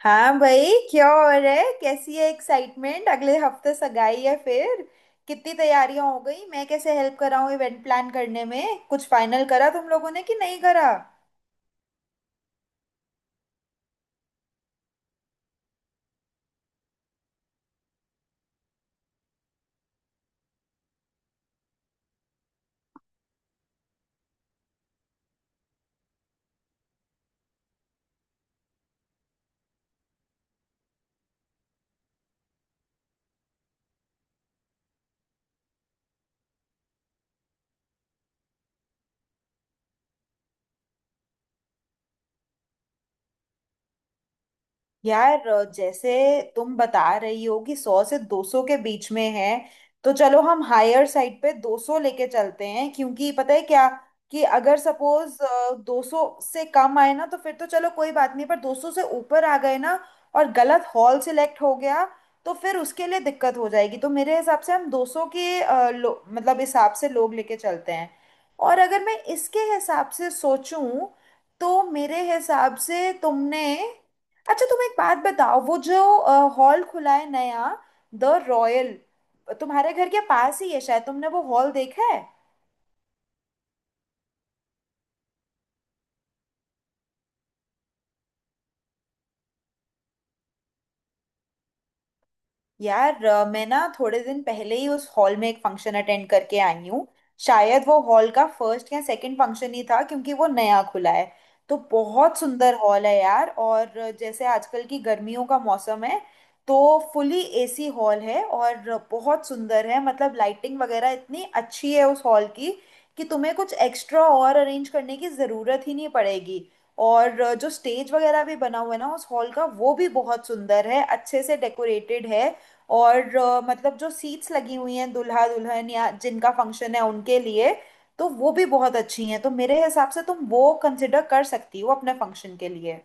हाँ भाई, क्या हो रहा है। कैसी है एक्साइटमेंट? अगले हफ्ते सगाई है फिर। कितनी तैयारियां हो गई? मैं कैसे हेल्प कर रहा हूँ इवेंट प्लान करने में? कुछ फाइनल करा तुम लोगों ने कि नहीं करा? यार जैसे तुम बता रही हो कि 100 से 200 के बीच में है। तो चलो हम हायर साइड पे 200 लेके चलते हैं, क्योंकि पता है क्या कि अगर सपोज 200 से कम आए ना तो फिर तो चलो कोई बात नहीं, पर 200 से ऊपर आ गए ना और गलत हॉल सिलेक्ट हो गया तो फिर उसके लिए दिक्कत हो जाएगी। तो मेरे हिसाब से हम 200 के मतलब हिसाब से लोग लेके चलते हैं। और अगर मैं इसके हिसाब से सोचूं तो मेरे हिसाब से तुमने, अच्छा तुम एक बात बताओ, वो जो हॉल खुला है नया, द रॉयल, तुम्हारे घर के पास ही है शायद, तुमने वो हॉल देखा है? यार मैं ना थोड़े दिन पहले ही उस हॉल में एक फंक्शन अटेंड करके आई हूँ। शायद वो हॉल का फर्स्ट या सेकंड फंक्शन ही था, क्योंकि वो नया खुला है। तो बहुत सुंदर हॉल है यार। और जैसे आजकल की गर्मियों का मौसम है, तो फुली एसी हॉल है और बहुत सुंदर है। मतलब लाइटिंग वगैरह इतनी अच्छी है उस हॉल की कि तुम्हें कुछ एक्स्ट्रा और अरेंज करने की ज़रूरत ही नहीं पड़ेगी। और जो स्टेज वगैरह भी बना हुआ है ना उस हॉल का, वो भी बहुत सुंदर है, अच्छे से डेकोरेटेड है। और मतलब जो सीट्स लगी हुई हैं दूल्हा दुल्हन या जिनका फंक्शन है उनके लिए, तो वो भी बहुत अच्छी हैं। तो मेरे हिसाब से तुम वो कंसिडर कर सकती हो अपने फंक्शन के लिए।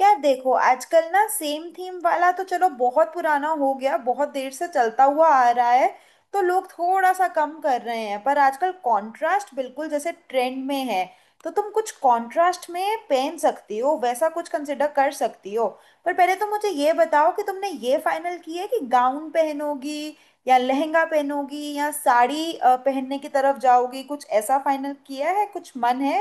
यार देखो, आजकल ना सेम थीम वाला तो चलो बहुत पुराना हो गया, बहुत देर से चलता हुआ आ रहा है। तो लोग थोड़ा सा कम कर रहे हैं, पर आजकल कंट्रास्ट बिल्कुल जैसे ट्रेंड में है। तो तुम कुछ कंट्रास्ट में पहन सकती हो, वैसा कुछ कंसिडर कर सकती हो। पर पहले तो मुझे ये बताओ कि तुमने ये फाइनल किया है कि गाउन पहनोगी या लहंगा पहनोगी या साड़ी पहनने की तरफ जाओगी? कुछ ऐसा फाइनल किया है, कुछ मन है?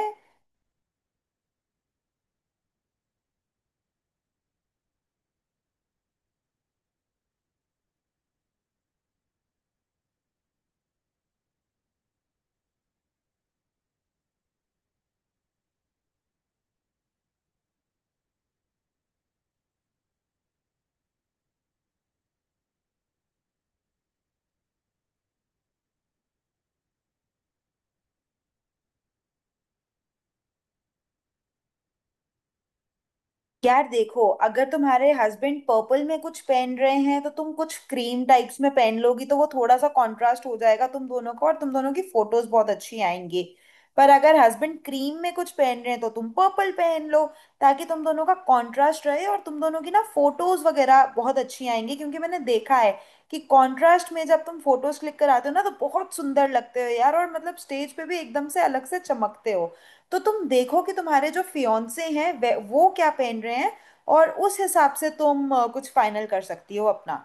यार देखो, अगर तुम्हारे हस्बैंड पर्पल में कुछ पहन रहे हैं तो तुम कुछ क्रीम टाइप्स में पहन लोगी, तो वो थोड़ा सा कंट्रास्ट हो जाएगा तुम दोनों को, और तुम दोनों की फोटोज बहुत अच्छी आएंगी। पर अगर हस्बैंड क्रीम में कुछ पहन रहे हैं तो तुम पर्पल पहन लो, ताकि तुम दोनों का कंट्रास्ट रहे और तुम दोनों की ना फोटोज वगैरह बहुत अच्छी आएंगी, क्योंकि मैंने देखा है कि कंट्रास्ट में जब तुम फोटोज क्लिक कराते हो ना तो बहुत सुंदर लगते हो यार। और मतलब स्टेज पे भी एकदम से अलग से चमकते हो। तो तुम देखो कि तुम्हारे जो फियोंसे हैं वो क्या पहन रहे हैं, और उस हिसाब से तुम कुछ फाइनल कर सकती हो अपना।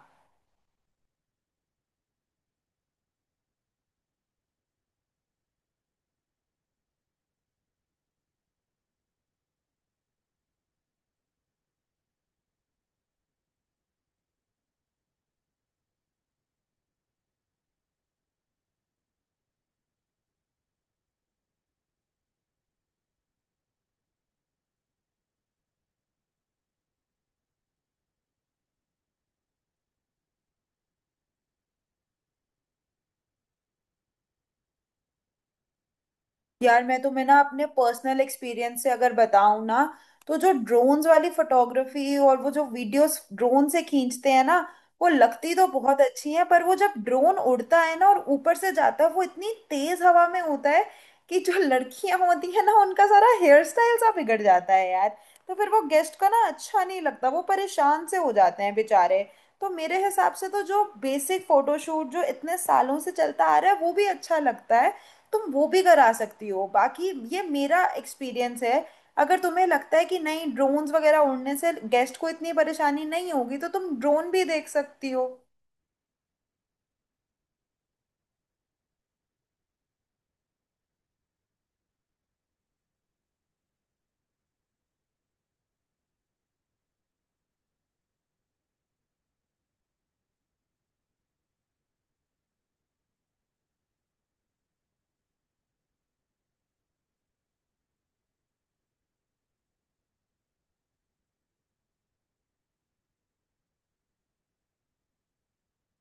यार मैं तुम्हें ना अपने पर्सनल एक्सपीरियंस से अगर बताऊं ना, तो जो ड्रोन्स वाली फोटोग्राफी और वो जो वीडियोस ड्रोन से खींचते हैं ना, वो लगती तो बहुत अच्छी है, पर वो जब ड्रोन उड़ता है ना और ऊपर से जाता है वो इतनी तेज हवा में होता है कि जो लड़कियां होती है ना उनका सारा हेयर स्टाइल सा बिगड़ जाता है यार। तो फिर वो गेस्ट का ना अच्छा नहीं लगता, वो परेशान से हो जाते हैं बेचारे। तो मेरे हिसाब से तो जो बेसिक फोटोशूट जो इतने सालों से चलता आ रहा है वो भी अच्छा लगता है। तुम वो भी करा सकती हो, बाकी ये मेरा एक्सपीरियंस है। अगर तुम्हें लगता है कि नहीं, ड्रोन्स वगैरह उड़ने से गेस्ट को इतनी परेशानी नहीं होगी, तो तुम ड्रोन भी देख सकती हो।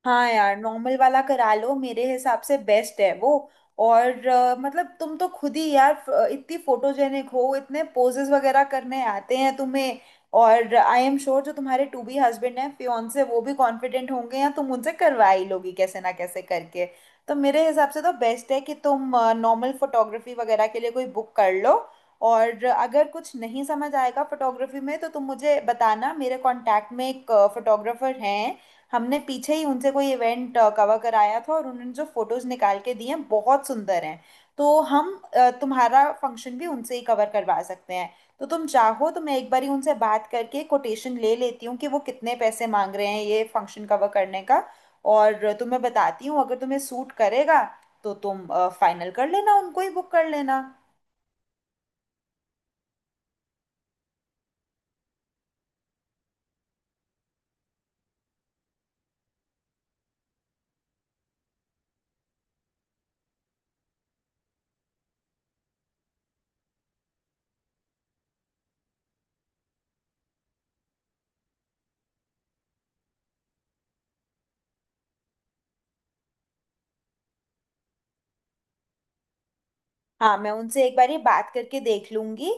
हाँ यार, नॉर्मल वाला करा लो, मेरे हिसाब से बेस्ट है वो। और मतलब तुम तो खुद ही यार इतनी फोटोजेनिक हो, इतने पोजेस वगैरह करने आते हैं तुम्हें। और आई एम श्योर जो तुम्हारे टू बी हस्बैंड हैं फियोन्से, वो भी कॉन्फिडेंट होंगे या तुम उनसे करवा ही लोगी कैसे ना कैसे करके। तो मेरे हिसाब से तो बेस्ट है कि तुम नॉर्मल फोटोग्राफी वगैरह के लिए कोई बुक कर लो। और अगर कुछ नहीं समझ आएगा फोटोग्राफी में तो तुम मुझे बताना, मेरे कांटेक्ट में एक फोटोग्राफर हैं। हमने पीछे ही उनसे कोई इवेंट कवर कराया था और उन्होंने जो फोटोज निकाल के दिए हैं बहुत सुंदर हैं। तो हम तुम्हारा फंक्शन भी उनसे ही कवर करवा सकते हैं। तो तुम चाहो तो मैं एक बारी उनसे बात करके कोटेशन ले लेती हूँ कि वो कितने पैसे मांग रहे हैं ये फंक्शन कवर करने का। और तुम्हें बताती हूँ, अगर तुम्हें सूट करेगा तो तुम फाइनल कर लेना, उनको ही बुक कर लेना। हाँ, मैं उनसे एक बार ये बात करके देख लूंगी।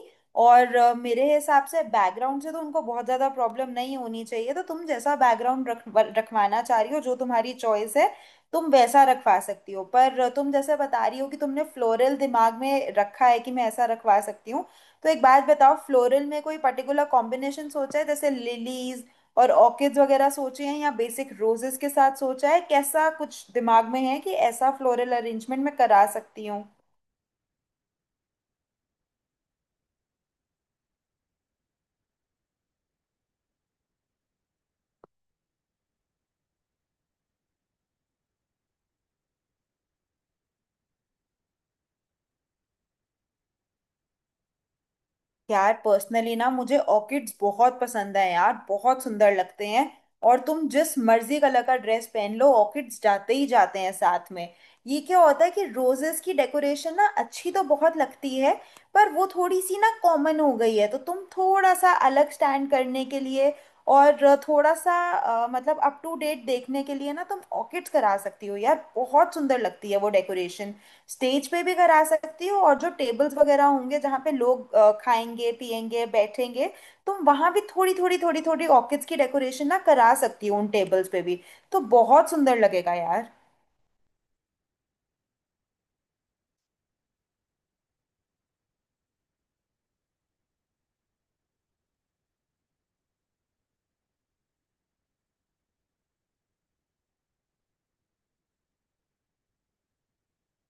और मेरे हिसाब से बैकग्राउंड से तो उनको बहुत ज़्यादा प्रॉब्लम नहीं होनी चाहिए, तो तुम जैसा बैकग्राउंड रख रखवाना चाह रही हो, जो तुम्हारी चॉइस है, तुम वैसा रखवा सकती हो। पर तुम जैसे बता रही हो कि तुमने फ्लोरल दिमाग में रखा है कि मैं ऐसा रखवा सकती हूँ, तो एक बात बताओ, फ्लोरल में कोई पर्टिकुलर कॉम्बिनेशन सोचा है, जैसे लिलीज और ऑर्किड्स वगैरह सोचे हैं या बेसिक रोजेस के साथ सोचा है? कैसा कुछ दिमाग में है कि ऐसा फ्लोरल अरेंजमेंट मैं करा सकती हूँ? यार पर्सनली ना मुझे ऑर्किड्स बहुत पसंद है यार, बहुत सुंदर लगते हैं। और तुम जिस मर्जी कलर का ड्रेस पहन लो, ऑर्किड्स जाते ही जाते हैं साथ में। ये क्या होता है कि रोजेस की डेकोरेशन ना अच्छी तो बहुत लगती है, पर वो थोड़ी सी ना कॉमन हो गई है। तो तुम थोड़ा सा अलग स्टैंड करने के लिए और थोड़ा सा मतलब अप टू डेट देखने के लिए ना तुम ऑर्किड्स करा सकती हो यार, बहुत सुंदर लगती है वो डेकोरेशन। स्टेज पे भी करा सकती हो, और जो टेबल्स वगैरह होंगे जहाँ पे लोग खाएंगे पिएंगे बैठेंगे, तुम वहां भी थोड़ी थोड़ी थोड़ी थोड़ी ऑर्किड्स की डेकोरेशन ना करा सकती हो उन टेबल्स पे भी। तो बहुत सुंदर लगेगा यार।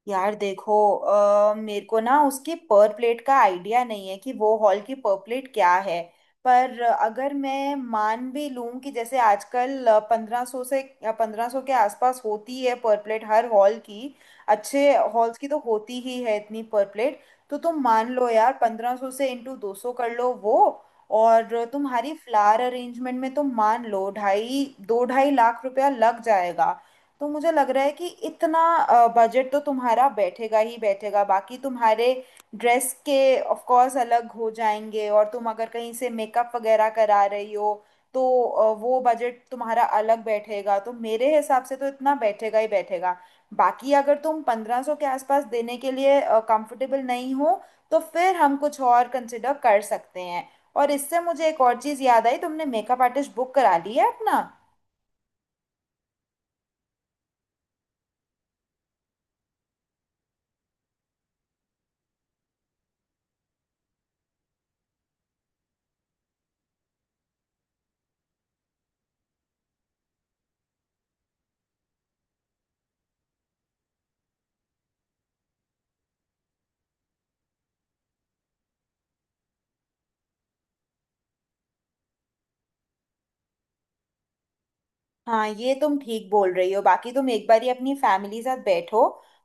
यार देखो मेरे को ना उसके पर प्लेट का आइडिया नहीं है कि वो हॉल की पर प्लेट क्या है। पर अगर मैं मान भी लूं कि जैसे आजकल 1500 के आसपास होती है पर प्लेट हर हॉल की। अच्छे हॉल्स की तो होती ही है इतनी पर प्लेट। तो तुम मान लो यार 1500 से इंटू 200 कर लो वो। और तुम्हारी फ्लावर अरेंजमेंट में तुम मान लो ढाई 2-2.5 लाख रुपया लग जाएगा। तो मुझे लग रहा है कि इतना बजट तो तुम्हारा बैठेगा ही बैठेगा। बाकी तुम्हारे ड्रेस के ऑफ कोर्स अलग हो जाएंगे, और तुम अगर कहीं से मेकअप वगैरह करा रही हो तो वो बजट तुम्हारा अलग बैठेगा। तो मेरे हिसाब से तो इतना बैठेगा ही बैठेगा। बाकी अगर तुम 1500 के आसपास देने के लिए कंफर्टेबल नहीं हो तो फिर हम कुछ और कंसिडर कर सकते हैं। और इससे मुझे एक और चीज़ याद आई, तुमने मेकअप आर्टिस्ट बुक करा ली है अपना? हाँ, ये तुम ठीक बोल रही हो। बाकी तुम एक बार ही अपनी फैमिली साथ बैठो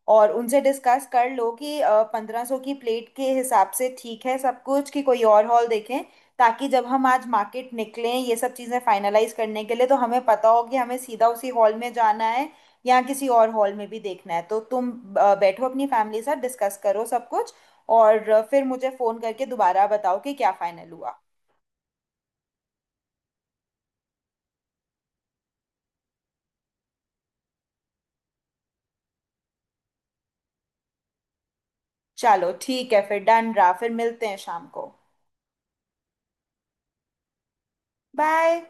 और उनसे डिस्कस कर लो कि 1500 की प्लेट के हिसाब से ठीक है सब कुछ कि कोई और हॉल देखें, ताकि जब हम आज मार्केट निकलें ये सब चीज़ें फाइनलाइज करने के लिए तो हमें पता हो कि हमें सीधा उसी हॉल में जाना है या किसी और हॉल में भी देखना है। तो तुम बैठो अपनी फैमिली साथ डिस्कस करो सब कुछ, और फिर मुझे फ़ोन करके दोबारा बताओ कि क्या फाइनल हुआ। चलो ठीक है, फिर डन रहा, फिर मिलते हैं शाम को। बाय।